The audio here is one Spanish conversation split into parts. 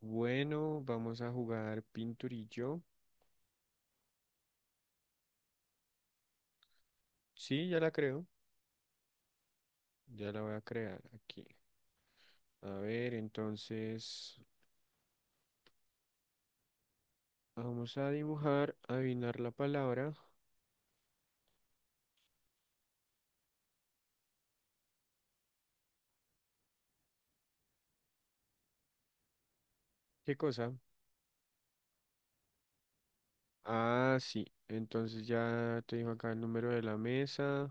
Bueno, vamos a jugar pinturillo. Sí, ya la creo. Ya la voy a crear aquí. A ver, entonces vamos a dibujar, adivinar la palabra. ¿Qué cosa? Ah, sí. Entonces ya te dijo acá el número de la mesa.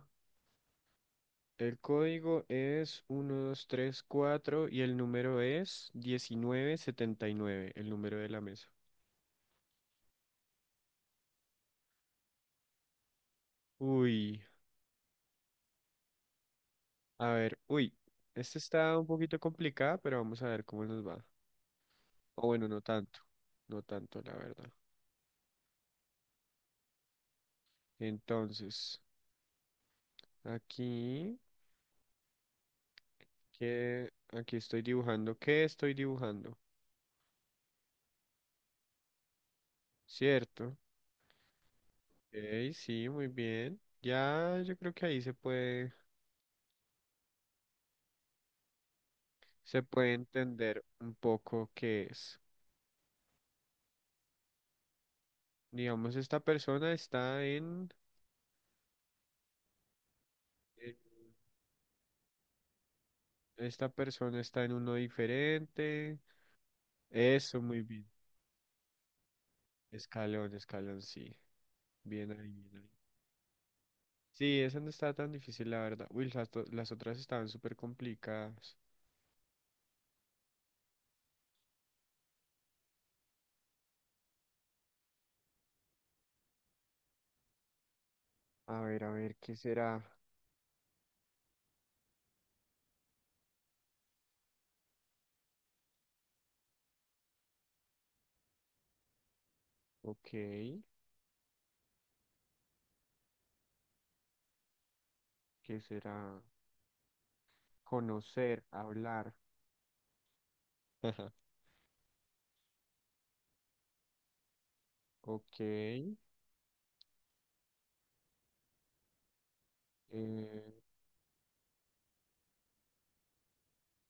El código es 1234 y el número es 1979. El número de la mesa. Uy, a ver, uy. Esta está un poquito complicada, pero vamos a ver cómo nos va. O bueno, no tanto, no tanto, la verdad. Entonces, aquí, que aquí estoy dibujando. ¿Qué estoy dibujando? ¿Cierto? Ok, sí, muy bien. Ya yo creo que ahí se puede entender un poco qué es. Digamos, esta persona está en, en- esta persona está en uno diferente. Eso, muy bien. Escalón, escalón, sí. Bien ahí, bien ahí. Sí, esa no estaba tan difícil, la verdad. Uy, las, las otras estaban súper complicadas. A ver, ¿qué será? Ok, ¿qué será? Conocer, hablar. Ok,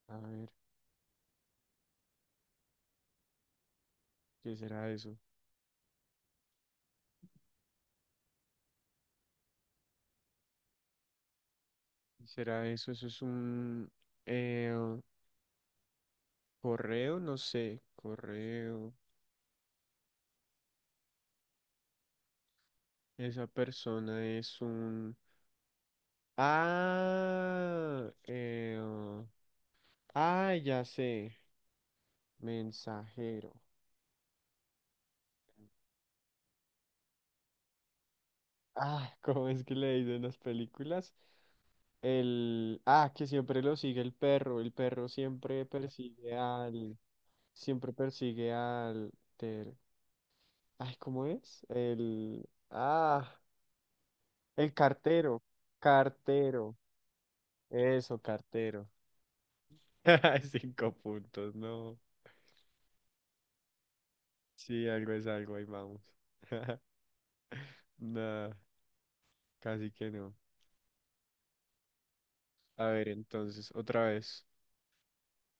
a ver, ¿qué será eso? ¿Qué será eso? Eso es un eh, correo, no sé, correo. Esa persona es un... Ah, ah, ya sé, mensajero. Ah, ¿cómo es que le dicen las películas? El, ah, que siempre lo sigue el perro siempre persigue al, ay, ¿cómo es? El, ah, el cartero, cartero, eso, cartero. 5 puntos, no. Sí, algo es algo, ahí vamos. Nada, casi que no. A ver, entonces,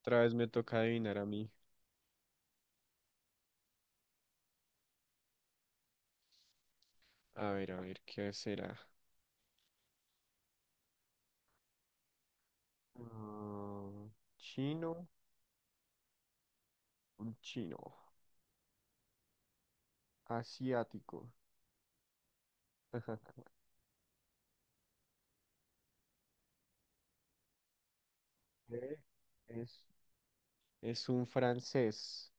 otra vez me toca adivinar a mí. A ver, ¿qué será? Mm, chino, un chino, asiático. Eh, Es, es un francés,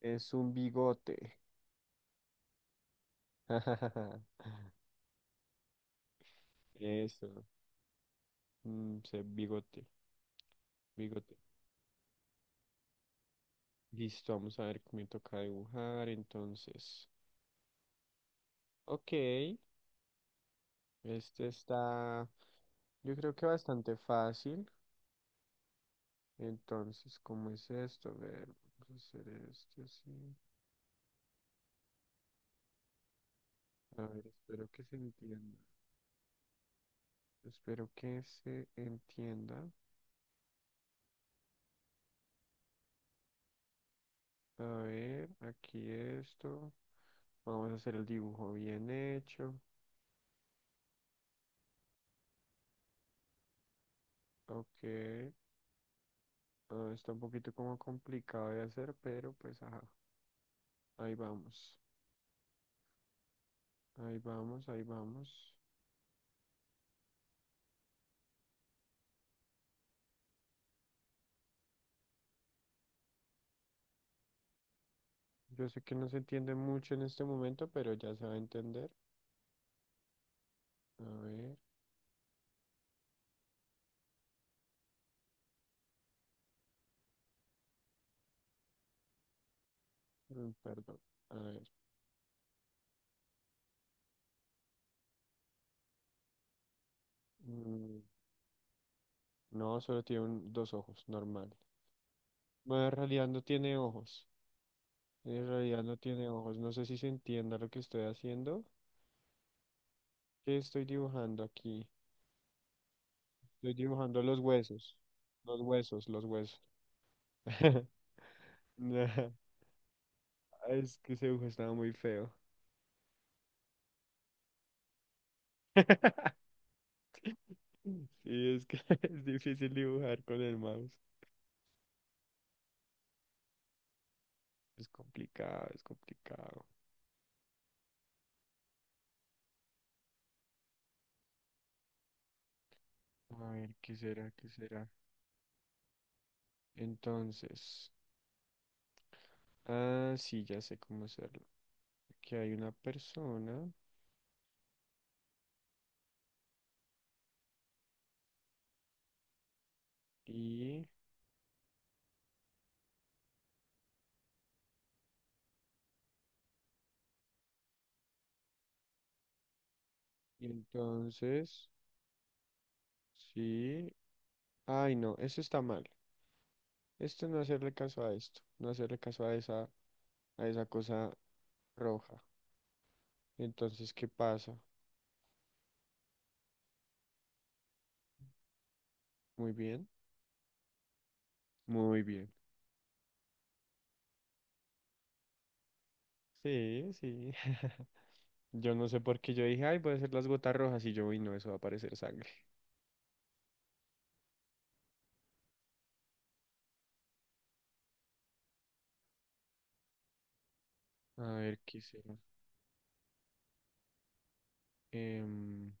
es un bigote. Eso, mm, bigote, bigote. Listo, vamos a ver qué me toca dibujar entonces. Ok, este está, yo creo que bastante fácil. Entonces, ¿cómo es esto? A ver, vamos a hacer esto así. A ver, espero que se entienda. Espero que se entienda. A ver, aquí esto. Vamos a hacer el dibujo bien hecho. Ok. Ah, está un poquito como complicado de hacer, pero pues ajá. Ahí vamos. Ahí vamos, ahí vamos. Yo sé que no se entiende mucho en este momento, pero ya se va a entender. A ver, mm, perdón. A ver. Mm, no, solo tiene dos ojos, normal. Bueno, en realidad no tiene ojos. En realidad no tiene ojos. No sé si se entienda lo que estoy haciendo. ¿Qué estoy dibujando aquí? Estoy dibujando los huesos. Los huesos, los huesos. Nah, es que ese dibujo estaba muy feo. Sí, es que es difícil dibujar con el mouse. Es complicado, es complicado. A ver, ¿qué será? ¿Qué será? Entonces, ah, sí, ya sé cómo hacerlo. Aquí hay una persona y, y entonces, sí. Ay, no, eso está mal. Esto no hacerle caso a esto, no hacerle caso a esa cosa roja. Entonces, ¿qué pasa? Muy bien, muy bien. Sí, sí. Yo no sé por qué yo dije, ay, puede ser las gotas rojas y yo, uy, no, eso va a parecer sangre. A ver, ¿qué será? Em,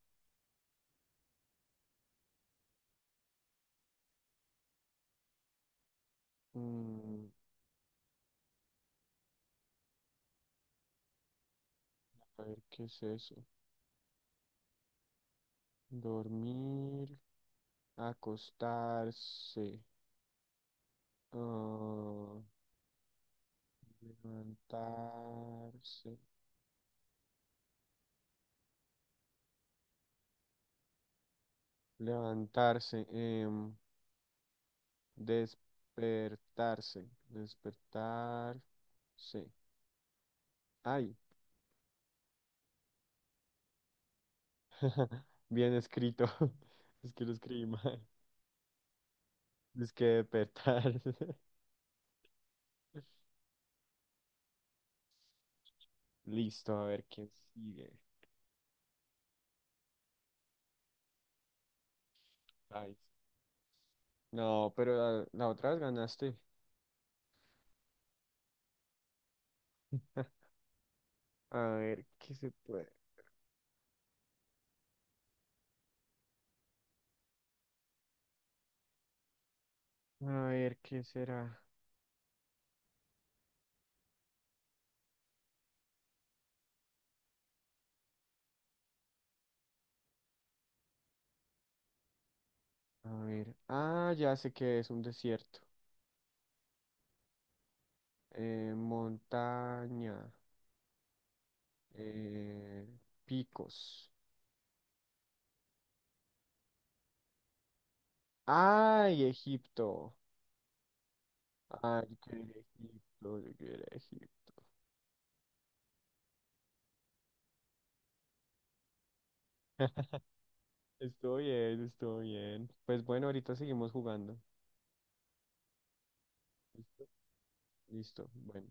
mm, a ver, ¿qué es eso? Dormir, acostarse, ah, levantarse, levantarse, despertarse, despertarse. Ay, bien escrito. Es que lo escribí mal. Es que despertar. Listo, a ver quién sigue. Ay. No, pero la otra vez ganaste. A ver qué se puede. A ver qué será. A ver. Ah, ya sé que es un desierto. Montaña. Eh, picos. Ay, Egipto. Ay, yo quería Egipto, yo quería Egipto. Estoy bien, estoy bien. Pues bueno, ahorita seguimos jugando. ¿Listo? Listo. Bueno.